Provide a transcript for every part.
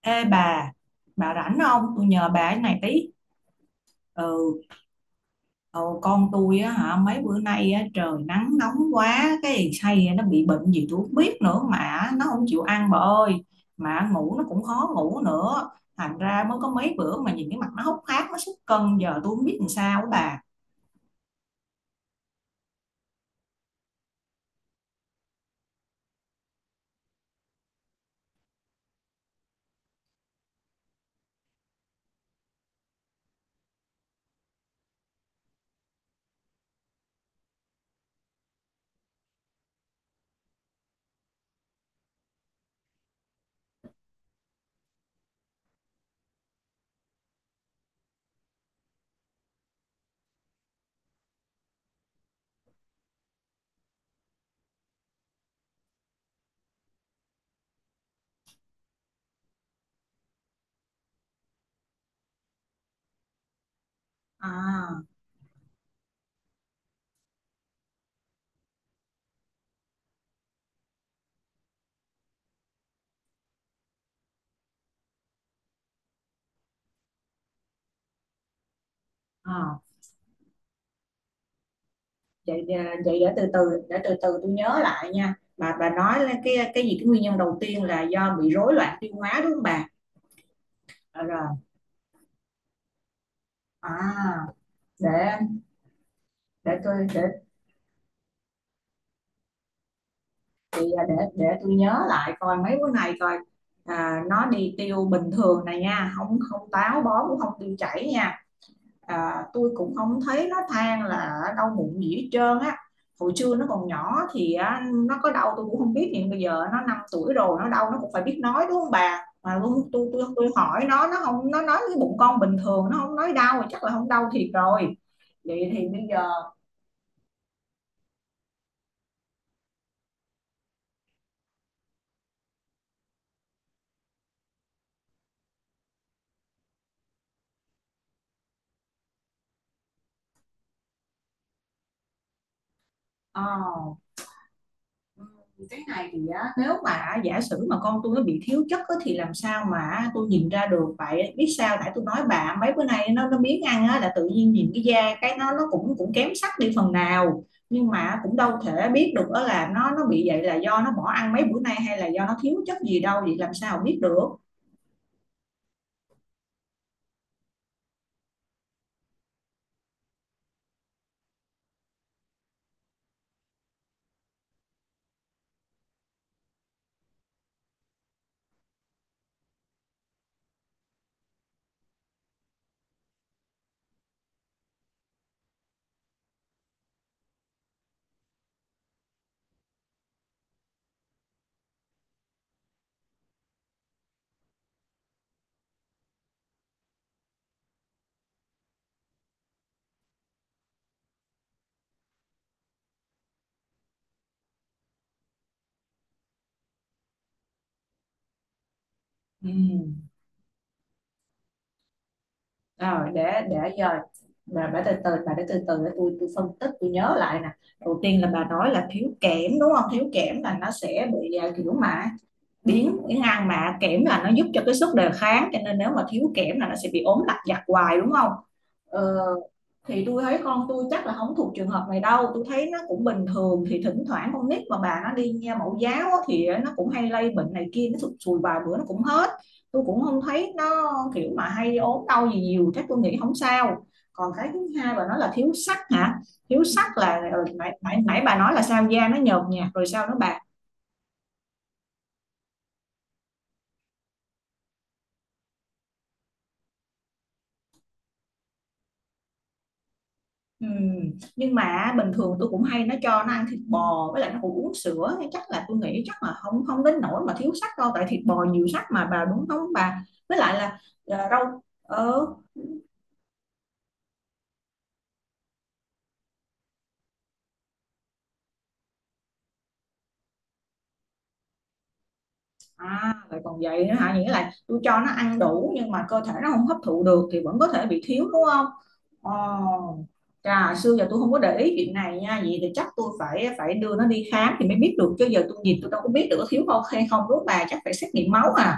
Ê bà rảnh không? Tôi nhờ bà cái này tí. Ừ. Ừ, con tôi á hả, mấy bữa nay á, trời nắng nóng quá, cái thằng say nó bị bệnh gì tôi không biết nữa mà nó không chịu ăn, bà ơi. Mà ngủ nó cũng khó ngủ nữa. Thành ra mới có mấy bữa mà nhìn cái mặt nó hốc hác, nó sút cân, giờ tôi không biết làm sao á, bà. À, à, vậy vậy để từ từ tôi nhớ lại nha. Bà nói là cái gì cái nguyên nhân đầu tiên là do bị rối loạn tiêu hóa, đúng không bà? Rồi, rồi. À, để để tôi để chị để tôi nhớ lại coi mấy bữa này coi. À, nó đi tiêu bình thường này nha, không không táo bón cũng không tiêu chảy nha. À, tôi cũng không thấy nó than là đau bụng gì hết trơn á. Hồi xưa nó còn nhỏ thì nó có đau tôi cũng không biết, nhưng bây giờ nó 5 tuổi rồi, nó đau nó cũng phải biết nói, đúng không bà? Mà luôn, tôi hỏi nó không, nó nói cái bụng con bình thường, nó không nói đau, chắc là không đau thiệt rồi. Vậy thì bây giờ, ờ, cái này thì á, nếu mà giả sử mà con tôi nó bị thiếu chất á, thì làm sao mà tôi nhìn ra được vậy? Biết sao, tại tôi nói bà, mấy bữa nay nó biếng ăn á, là tự nhiên nhìn cái da cái nó cũng cũng kém sắc đi phần nào, nhưng mà cũng đâu thể biết được đó là nó bị vậy là do nó bỏ ăn mấy bữa nay, hay là do nó thiếu chất gì đâu, vậy làm sao biết được? Ừ. Rồi để giờ bà từ từ bà để từ từ để tôi phân tích tôi nhớ lại nè. Đầu tiên là bà nói là thiếu kẽm, đúng không? Thiếu kẽm là nó sẽ bị kiểu mà biến cái ngang, mà kẽm là nó giúp cho cái sức đề kháng, cho nên nếu mà thiếu kẽm là nó sẽ bị ốm lặt vặt hoài, đúng không? ờ, thì tôi thấy con tôi chắc là không thuộc trường hợp này đâu, tôi thấy nó cũng bình thường. Thì thỉnh thoảng con nít mà bà, nó đi nha mẫu giáo, thì nó cũng hay lây bệnh này kia, nó sụt sùi vài bữa nó cũng hết. Tôi cũng không thấy nó kiểu mà hay ốm đau gì nhiều, chắc tôi nghĩ không sao. Còn cái thứ hai bà nói là thiếu sắt hả? Thiếu sắt là nãy nãy, nãy bà nói là sao da nó nhợt nhạt rồi sao nó bạc. Ừ, nhưng mà bình thường tôi cũng hay nó cho nó ăn thịt bò, với lại nó cũng uống sữa. Thế chắc là tôi nghĩ chắc là không không đến nỗi mà thiếu sắt đâu, tại thịt bò nhiều sắt mà bà, đúng không bà? Với lại là à, rau ờ À vậy còn vậy nữa hả? Nghĩa là tôi cho nó ăn đủ nhưng mà cơ thể nó không hấp thụ được thì vẫn có thể bị thiếu, đúng không? Ồ, trà xưa giờ tôi không có để ý chuyện này nha. Vậy thì chắc tôi phải phải đưa nó đi khám thì mới biết được, chứ giờ tôi nhìn tôi đâu có biết được có thiếu không hay không, đúng không bà? Chắc phải xét nghiệm máu à?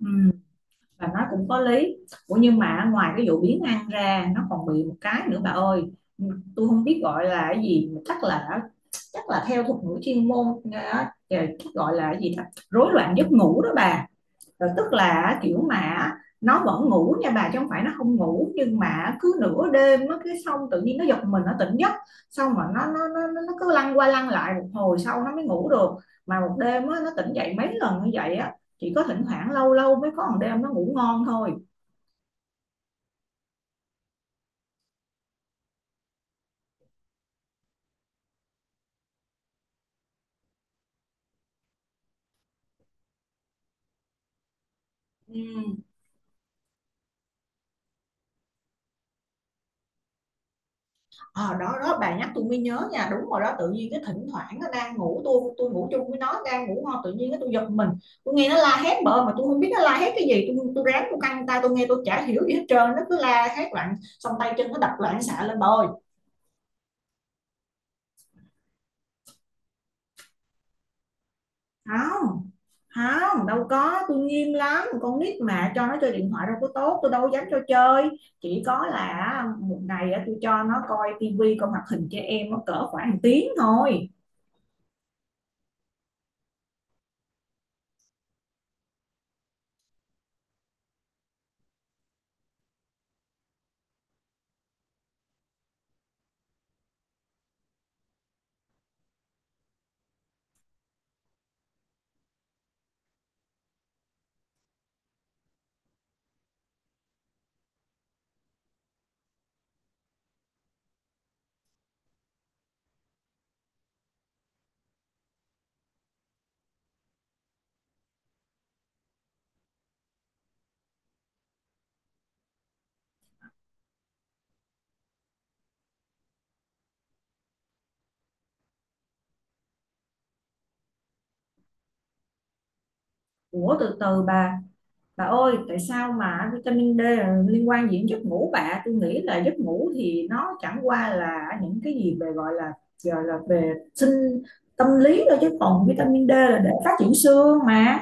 Ừ, và nó cũng có lý. Ủa nhưng mà ngoài cái vụ biến ăn ra nó còn bị một cái nữa bà ơi, tôi không biết gọi là cái gì, chắc là theo thuật ngữ chuyên môn chắc gọi là cái gì đó, rối loạn giấc ngủ đó bà. Rồi tức là kiểu mà nó vẫn ngủ nha bà, chứ không phải nó không ngủ, nhưng mà cứ nửa đêm nó cái xong tự nhiên nó giật mình, nó tỉnh giấc. Xong mà nó cứ lăn qua lăn lại một hồi sau nó mới ngủ được. Mà một đêm á, nó tỉnh dậy mấy lần như vậy á. Chỉ có thỉnh thoảng lâu lâu mới có một đêm nó ngủ ngon thôi. Ừ. Ờ, đó đó bà nhắc tôi mới nhớ nha, đúng rồi đó, tự nhiên cái thỉnh thoảng nó đang ngủ, tôi ngủ chung với nó đang ngủ ngon tự nhiên cái tôi giật mình. Tôi nghe nó la hét bợ mà tôi không biết nó la hét cái gì, tôi ráng tôi căng tay tôi nghe tôi chả hiểu gì hết trơn, nó cứ la hét loạn, xong tay chân nó đập loạn xạ lên bà ơi. Không, không đâu có, tôi nghiêm lắm, con nít mà cho nó chơi điện thoại đâu có tốt, tôi đâu có dám cho chơi. Chỉ có là một ngày á, tôi cho nó coi tivi coi hoạt hình cho em nó cỡ khoảng tiếng thôi. Ủa từ từ bà ơi, tại sao mà vitamin D là liên quan gì đến giấc ngủ bà? Tôi nghĩ là giấc ngủ thì nó chẳng qua là những cái gì về gọi là về sinh tâm lý thôi, chứ còn vitamin D là để phát triển xương mà.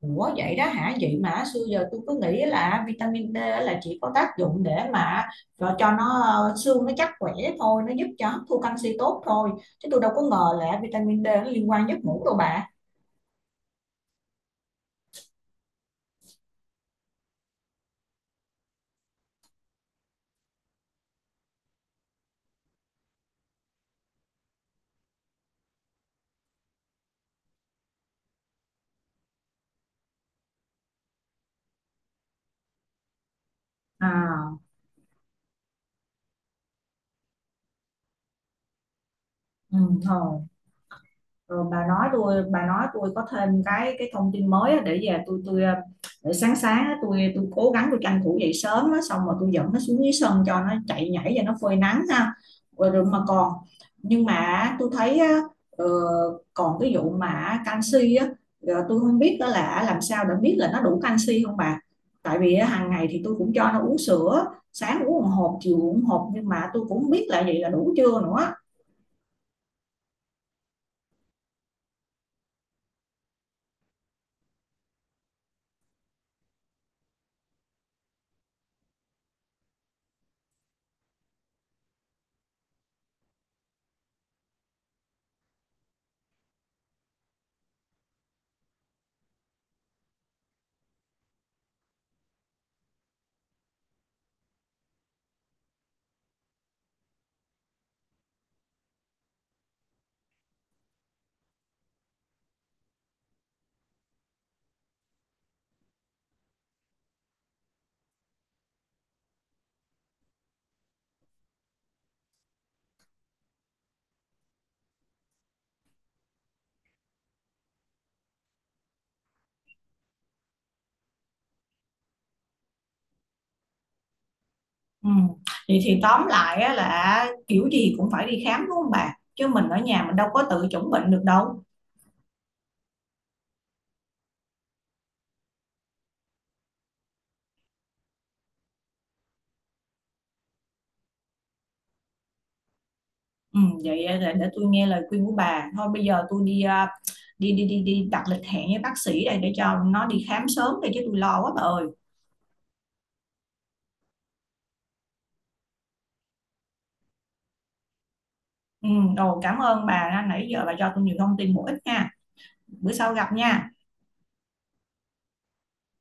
Ủa vậy đó hả? Vậy mà xưa giờ tôi cứ nghĩ là vitamin D là chỉ có tác dụng để mà cho nó xương nó chắc khỏe thôi, nó giúp cho hấp thu canxi tốt thôi. Chứ tôi đâu có ngờ là vitamin D nó liên quan giấc ngủ đâu bà. À, ừ, thôi. Rồi bà nói tôi có thêm cái thông tin mới á, để về tôi để sáng sáng á, tôi cố gắng tôi tranh thủ dậy sớm á, xong rồi tôi dẫn nó xuống dưới sân cho nó chạy nhảy và nó phơi nắng ha. Rồi, rồi mà còn, nhưng mà tôi thấy á, ờ, còn cái vụ mà canxi á, tôi không biết đó là làm sao để biết là nó đủ canxi không bà. Tại vì á, hàng ngày thì tôi cũng cho nó uống sữa, sáng uống một hộp, chiều uống một hộp, nhưng mà tôi cũng không biết là vậy là đủ chưa nữa. Ừ. Vậy thì tóm lại á, là kiểu gì cũng phải đi khám đúng không bà? Chứ mình ở nhà mình đâu có tự chẩn bệnh được đâu. Ừ, vậy để tôi nghe lời khuyên của bà. Thôi bây giờ tôi đi đi đi đi đi đặt lịch hẹn với bác sĩ đây để cho nó đi khám sớm đây, chứ tôi lo quá bà ơi. Ừ, đồ cảm ơn bà nãy giờ bà cho tôi nhiều thông tin bổ ích nha. Bữa sau gặp nha.